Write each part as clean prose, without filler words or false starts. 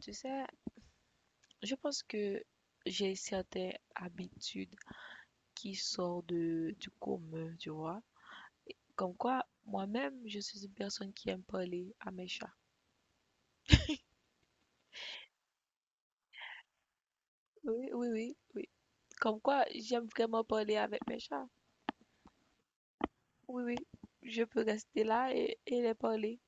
Tu sais, je pense que j'ai certaines habitudes qui sortent du commun, tu vois. Comme quoi, moi-même, je suis une personne qui aime parler à mes chats. Oui, oui, oui, oui. Comme quoi, j'aime vraiment parler avec mes chats. Oui, oui. Je peux rester là et les parler.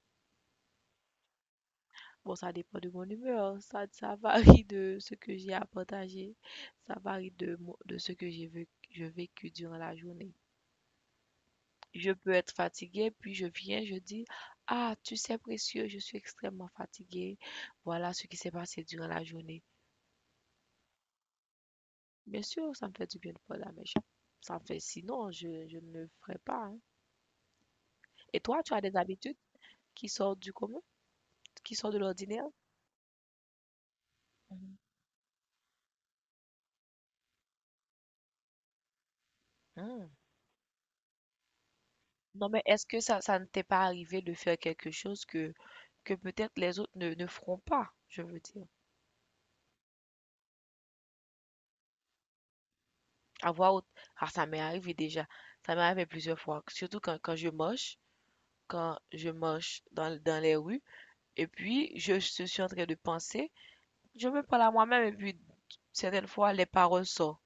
Bon, ça dépend de mon humeur. Ça varie de ce que j'ai à partager. Ça varie de ce que j'ai vécu durant la journée. Je peux être fatiguée, puis je viens, je dis, ah, tu sais, précieux, je suis extrêmement fatiguée. Voilà ce qui s'est passé durant la journée. Bien sûr, ça me fait du bien de parler, mais ça me fait, sinon, je ne le ferai pas. Hein. Et toi, tu as des habitudes qui sortent du commun, qui sortent de l'ordinaire? Mhm. Hmm. Non, mais est-ce que ça ne t'est pas arrivé de faire quelque chose que, peut-être les autres ne feront pas, je veux dire. Avoir, autre- ah, ça m'est arrivé déjà. Ça m'est arrivé plusieurs fois, surtout quand je moche. Quand je marche dans les rues. Et puis, je suis en train de penser. Je me parle à moi-même et puis, certaines fois, les paroles sortent.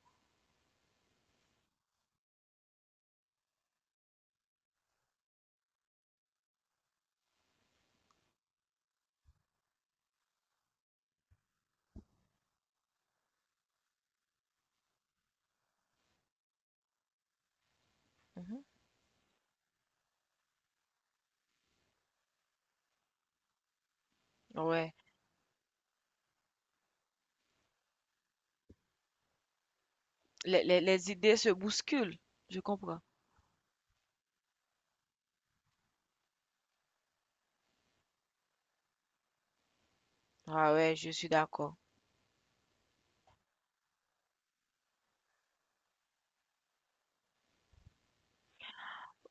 Mhm. Ouais. Les idées se bousculent. Je comprends. Ah ouais, je suis d'accord.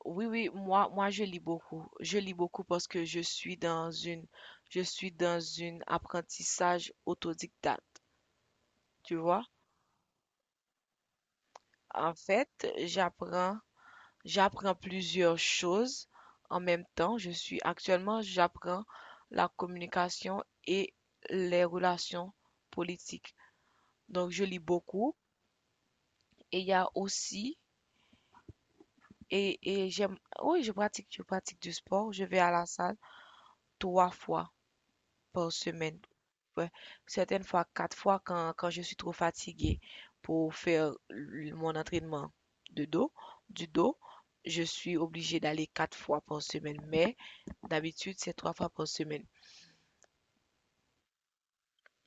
Oui, oui, moi, je lis beaucoup. Je lis beaucoup parce que je suis dans une apprentissage autodidacte, tu vois. En fait, j'apprends J'apprends plusieurs choses en même temps. Je suis actuellement, j'apprends la communication et les relations politiques. Donc, je lis beaucoup et il y a aussi, et j'aime, oui, je pratique du sport. Je vais à la salle trois fois par semaine. Ouais, certaines fois, quatre fois quand, je suis trop fatiguée pour faire mon entraînement de dos, du dos, je suis obligée d'aller quatre fois par semaine. Mais d'habitude, c'est trois fois par semaine.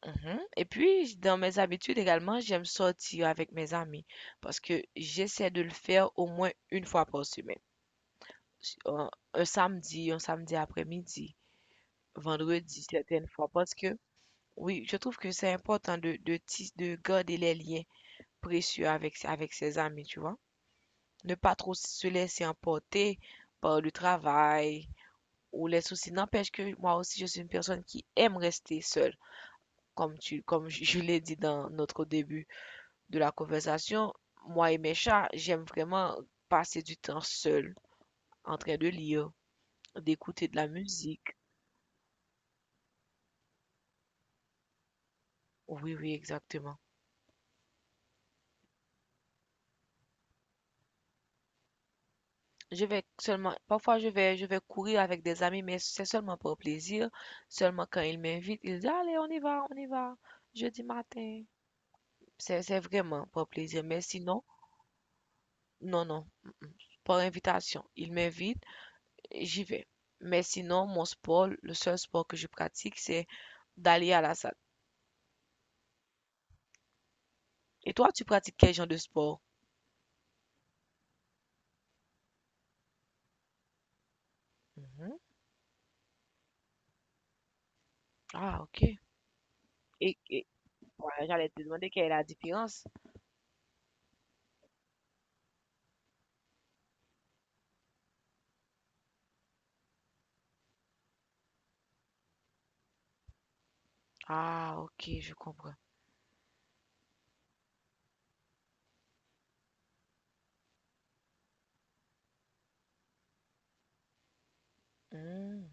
Mhm. Et puis, dans mes habitudes également, j'aime sortir avec mes amis parce que j'essaie de le faire au moins une fois par semaine. Si, un samedi, un samedi après-midi, vendredi certaines fois parce que, oui, je trouve que c'est important de garder les liens précieux avec ses amis, tu vois. Ne pas trop se laisser emporter par le travail ou les soucis. N'empêche que moi aussi, je suis une personne qui aime rester seule. Comme je l'ai dit dans notre début de la conversation, moi et mes chats, j'aime vraiment passer du temps seul, en train de lire, d'écouter de la musique. Oui, oui, exactement. Je vais seulement, parfois je vais courir avec des amis, mais c'est seulement pour plaisir. Seulement quand ils m'invitent, ils disent, allez, on y va, jeudi matin. C'est vraiment pour plaisir. Mais sinon, non, non, par invitation. Ils m'invitent. J'y vais. Mais sinon, mon sport, le seul sport que je pratique, c'est d'aller à la salle. Et toi, tu pratiques quel genre de sport? Mhm. Ah, ok. Et ouais, j'allais te demander quelle est la différence. Ah, ok, je comprends. Mm.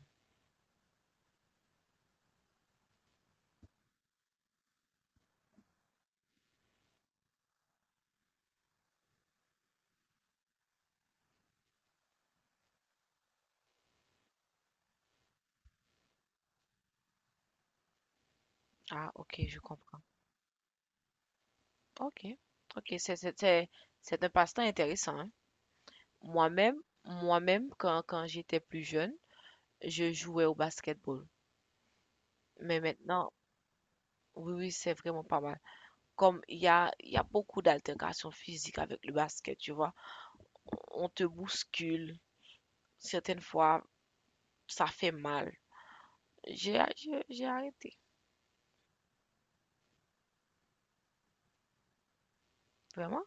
Ah, ok, je comprends. Ok, ok, c'est un passe-temps intéressant, hein. Moi-même, moi-même, quand j'étais plus jeune, je jouais au basketball. Mais maintenant, oui, oui, c'est vraiment pas mal. Comme il y a beaucoup d'altérations physiques avec le basket, tu vois? On te bouscule, certaines fois, ça fait mal. J'ai arrêté. Vraiment?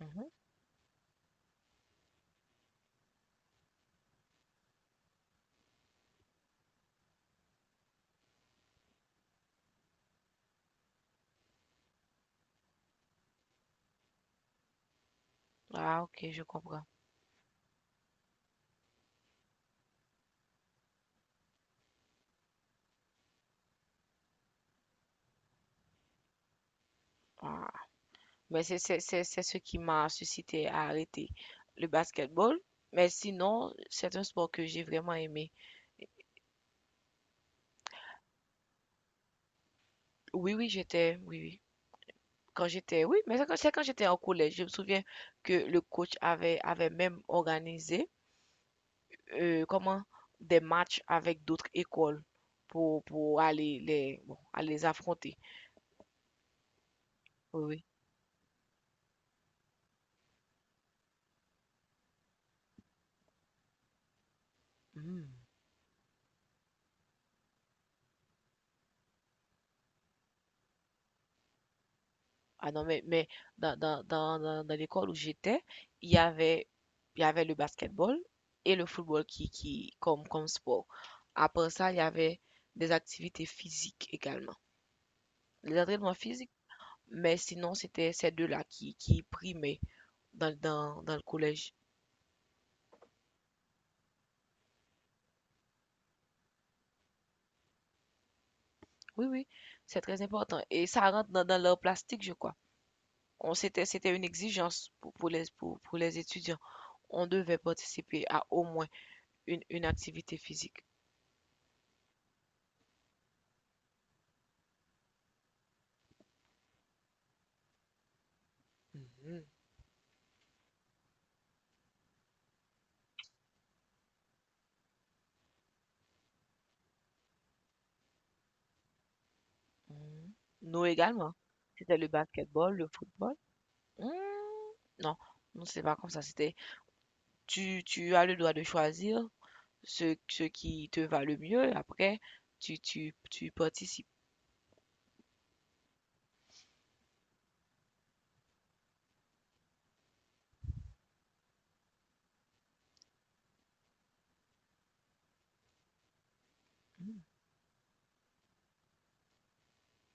Mhm. Ah, ok, je comprends. Ah. Mais c'est ce qui m'a suscité à arrêter le basketball. Mais sinon, c'est un sport que j'ai vraiment aimé. Oui, oui, j'étais, oui, oui. Quand j'étais, oui, mais c'est quand j'étais en collège. Je me souviens que le coach avait même organisé comment, des matchs avec d'autres écoles pour, bon, aller les affronter. Oui, oui. Hmm. Ah non, mais dans l'école où j'étais, il y avait, il y avait le basketball et le football qui, comme sport. Après ça, il y avait des activités physiques également. Les entraînements physiques, mais sinon, c'était ces deux-là qui primaient dans le collège. Oui, oui, c'est très important. Et ça rentre dans leur plastique, je crois. On c'était c'était une exigence pour les étudiants. On devait participer à au moins une activité physique. Mhm. Mhm. Nous également. C'était le basketball, le football. Mhm. Non, non, c'est pas comme ça. C'était tu tu as le droit de choisir ce qui te va le mieux. Après, tu participes.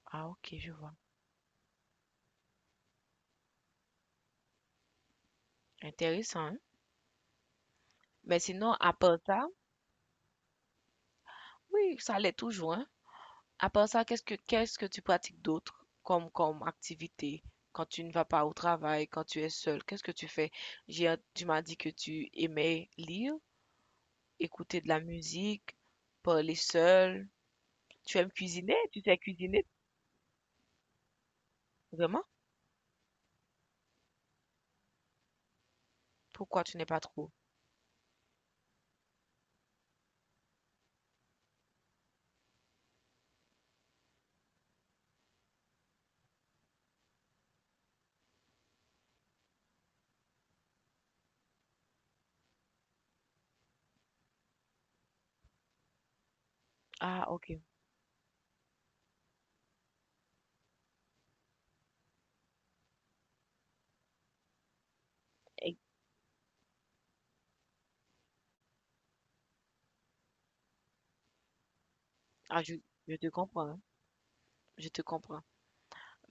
Ah, ok, je vois. Intéressant, hein? Mais sinon, à part ça, oui, ça allait toujours, hein? À part ça, qu'est-ce que tu pratiques d'autre comme activité quand tu ne vas pas au travail, quand tu es seul? Qu'est-ce que tu fais? Tu m'as dit que tu aimais lire, écouter de la musique, parler seul. Tu aimes cuisiner? Tu sais cuisiner? Vraiment? Pourquoi tu n'es pas trop? Ah, ok. Et- ah, je te comprends. Hein. Je te comprends.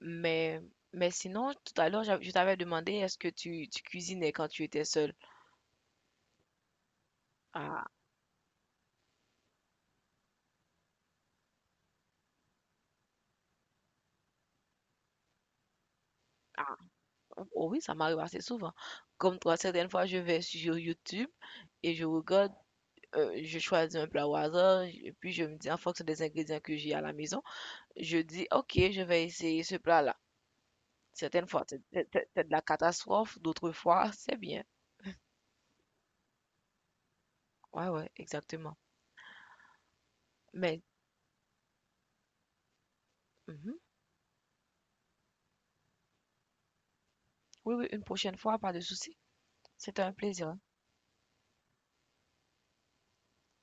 Mais mais sinon, tout à l'heure, je t'avais demandé est-ce que tu cuisinais quand tu étais seul? Oh oui, ça m'arrive assez souvent. Comme toi, certaines fois, je vais sur YouTube et je regarde, je choisis un plat au hasard, et puis je me dis, en fonction des ingrédients que j'ai à la maison, je dis, ok, je vais essayer ce plat-là. Certaines fois, c'est de la catastrophe, d'autres fois, c'est bien. Ouais, ouais, exactement. Mais, mhm, oui, oui, une prochaine fois, pas de souci. C'était un plaisir.